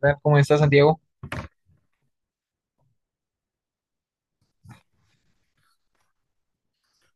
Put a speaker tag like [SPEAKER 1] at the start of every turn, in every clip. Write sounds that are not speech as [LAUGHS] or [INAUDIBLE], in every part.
[SPEAKER 1] Tal? ¿Cómo estás, Santiago?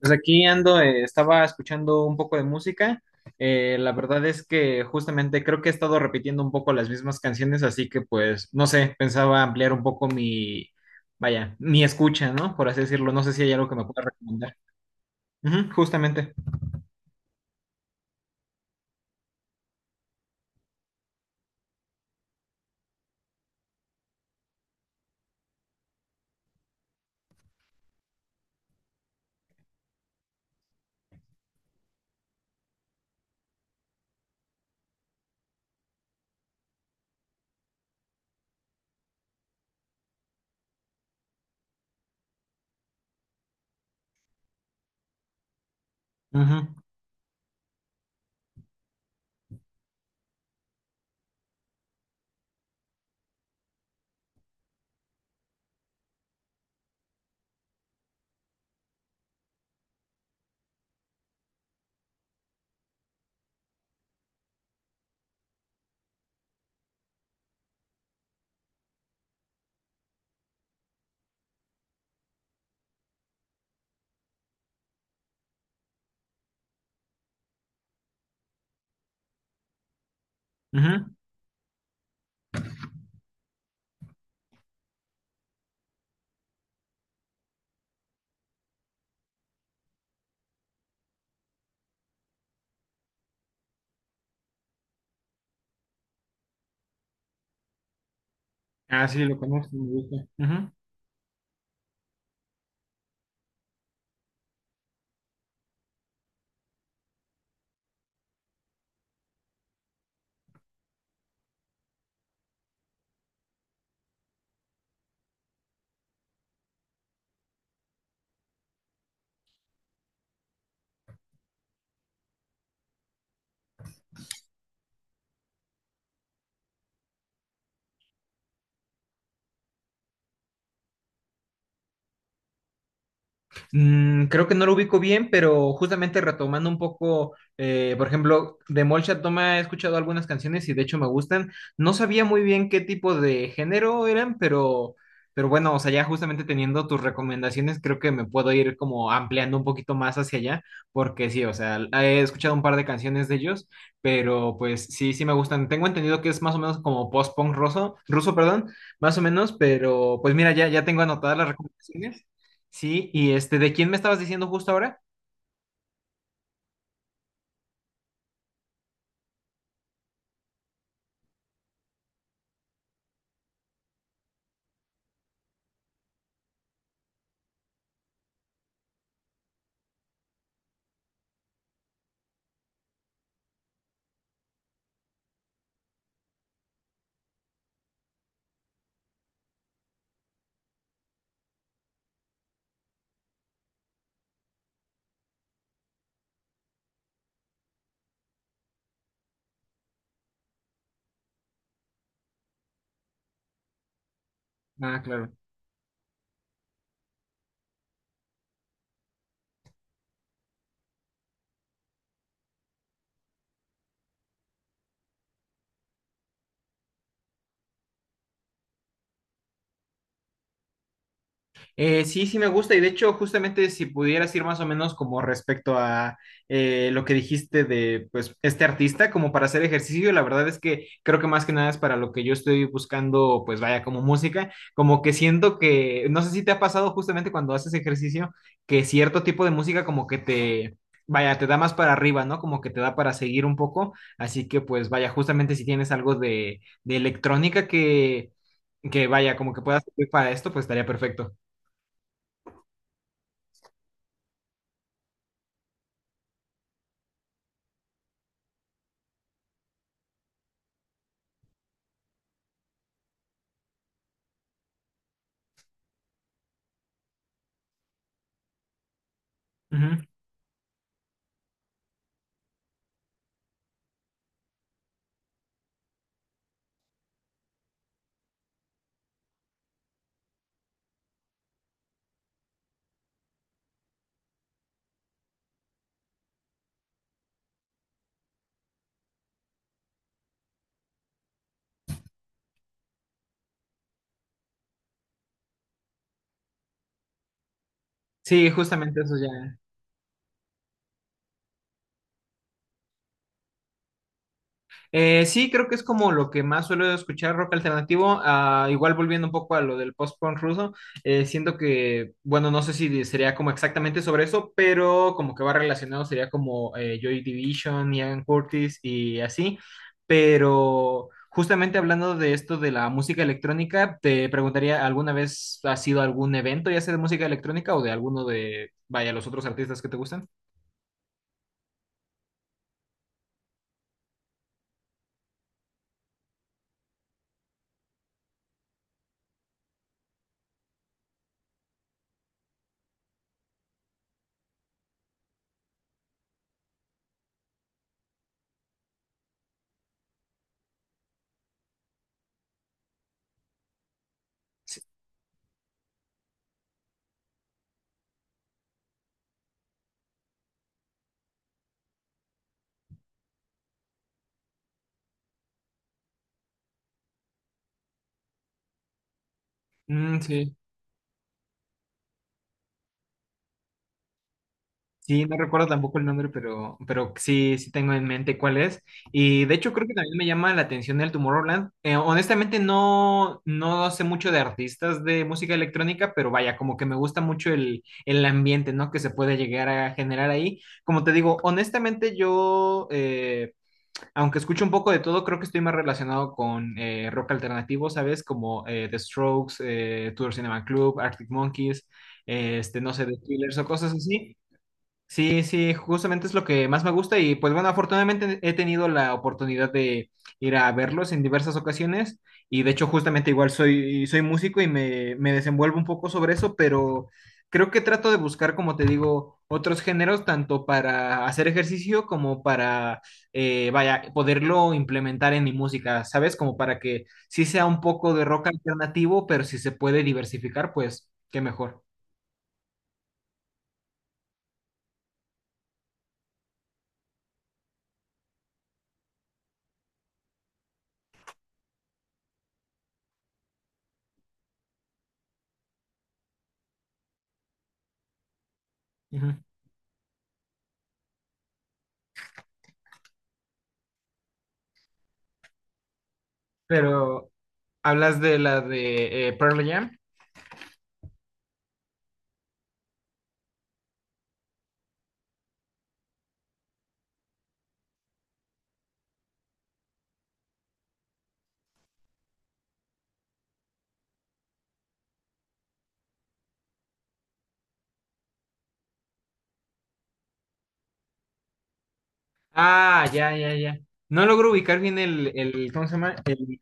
[SPEAKER 1] Pues aquí ando, estaba escuchando un poco de música. La verdad es que justamente creo que he estado repitiendo un poco las mismas canciones, así que pues, no sé, pensaba ampliar un poco mi, vaya, mi escucha, ¿no? Por así decirlo. No sé si hay algo que me pueda recomendar. Ujú, justamente. Ujú, ujú. Ah, sí, lo conozco, me gusta. Ujú. Mm, creo que no lo ubico bien, pero justamente retomando un poco, por ejemplo, de Molchat Doma he escuchado algunas canciones y de hecho me gustan. No sabía muy bien qué tipo de género eran, pero bueno, o sea, ya justamente teniendo tus recomendaciones, creo que me puedo ir como ampliando un poquito más hacia allá, porque sí, o sea, he escuchado un par de canciones de ellos, pero pues sí, sí me gustan. Tengo entendido que es más o menos como post-punk ruso, ruso, perdón, más o menos, pero pues mira, ya tengo anotadas las recomendaciones. Sí, y este, ¿de quién me estabas diciendo justo ahora? Ah, claro. Sí, sí me gusta y de hecho justamente si pudieras ir más o menos como respecto a lo que dijiste de pues este artista como para hacer ejercicio, la verdad es que creo que más que nada es para lo que yo estoy buscando pues vaya como música, como que siento que no sé si te ha pasado justamente cuando haces ejercicio que cierto tipo de música como que te vaya te da más para arriba, ¿no? Como que te da para seguir un poco, así que pues vaya justamente si tienes algo de electrónica que vaya como que puedas servir para esto pues estaría perfecto. Ujú. Sí, justamente eso ya. Sí, creo que es como lo que más suelo escuchar rock alternativo. Ah, igual volviendo un poco a lo del post-punk ruso, siento que, bueno, no sé si sería como exactamente sobre eso, pero como que va relacionado sería como Joy Division, Ian Curtis y así. Pero justamente hablando de esto de la música electrónica, te preguntaría, ¿alguna vez has sido algún evento, ya sea de música electrónica o de alguno de, vaya, los otros artistas que te gustan? Sí. Mm, sí. Sí, no recuerdo tampoco el nombre, pero sí, sí tengo en mente cuál es. Y de hecho creo que también me llama la atención el Tomorrowland. Honestamente no, no sé mucho de artistas de música electrónica, pero vaya, como que me gusta mucho el ambiente, ¿no? Que se puede llegar a generar ahí. Como te digo, honestamente yo, aunque escucho un poco de todo, creo que estoy más relacionado con rock alternativo, ¿sabes? Como The Strokes, Tudor Cinema Club, Arctic Monkeys, este, no sé, The Killers o cosas así. Sí, sí, justamente es lo que más me gusta y pues bueno, afortunadamente he tenido la oportunidad de ir a verlos en diversas ocasiones y de hecho justamente igual soy, soy músico y me desenvuelvo un poco sobre eso, pero creo que trato de buscar, como te digo, otros géneros tanto para hacer ejercicio como para, vaya, poderlo implementar en mi música, ¿sabes? Como para que sí sea un poco de rock alternativo, pero si se puede diversificar, pues qué mejor. Ujú. Pero... ¿Hablas de la de Pearl Jam? Ah, ya, ya, ya. No logro ubicar bien el, ¿cómo se llama? El...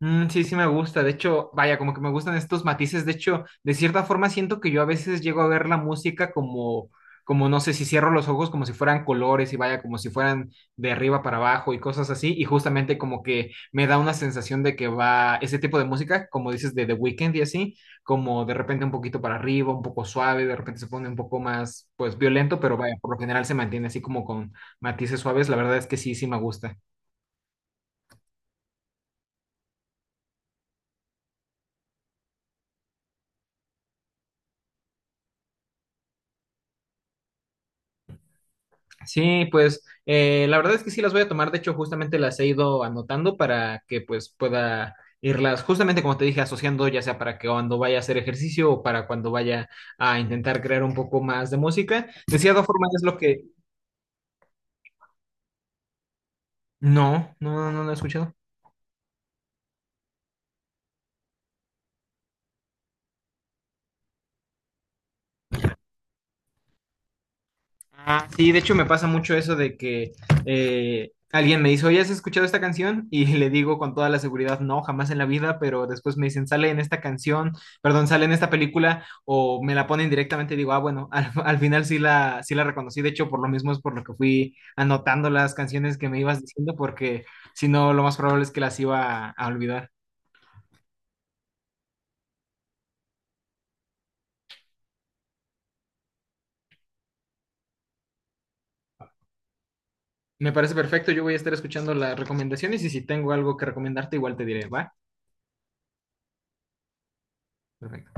[SPEAKER 1] Mm, sí, sí me gusta. De hecho, vaya, como que me gustan estos matices. De hecho, de cierta forma siento que yo a veces llego a ver la música como, como no sé, si cierro los ojos como si fueran colores y vaya, como si fueran de arriba para abajo y cosas así. Y justamente como que me da una sensación de que va ese tipo de música, como dices, de The Weeknd y así, como de repente un poquito para arriba, un poco suave, de repente se pone un poco más, pues, violento, pero vaya, por lo general se mantiene así como con matices suaves. La verdad es que sí, sí me gusta. Sí, pues la verdad es que sí las voy a tomar. De hecho, justamente las he ido anotando para que pues pueda irlas, justamente como te dije, asociando ya sea para que cuando vaya a hacer ejercicio o para cuando vaya a intentar crear un poco más de música. De cierta forma es lo que... No, no, no, no, no he escuchado. Ah, sí, de hecho me pasa mucho eso de que alguien me dice, oye, ¿has escuchado esta canción? Y le digo con toda la seguridad, no, jamás en la vida, pero después me dicen, sale en esta canción, perdón, sale en esta película, o me la ponen directamente y digo, ah, bueno, [LAUGHS] al, al final sí la, sí la reconocí, de hecho por lo mismo es por lo que fui anotando las canciones que me ibas diciendo, porque si no, lo más probable es que las iba a olvidar. Me parece perfecto, yo voy a estar escuchando las recomendaciones y si tengo algo que recomendarte, igual te diré, ¿va? Perfecto.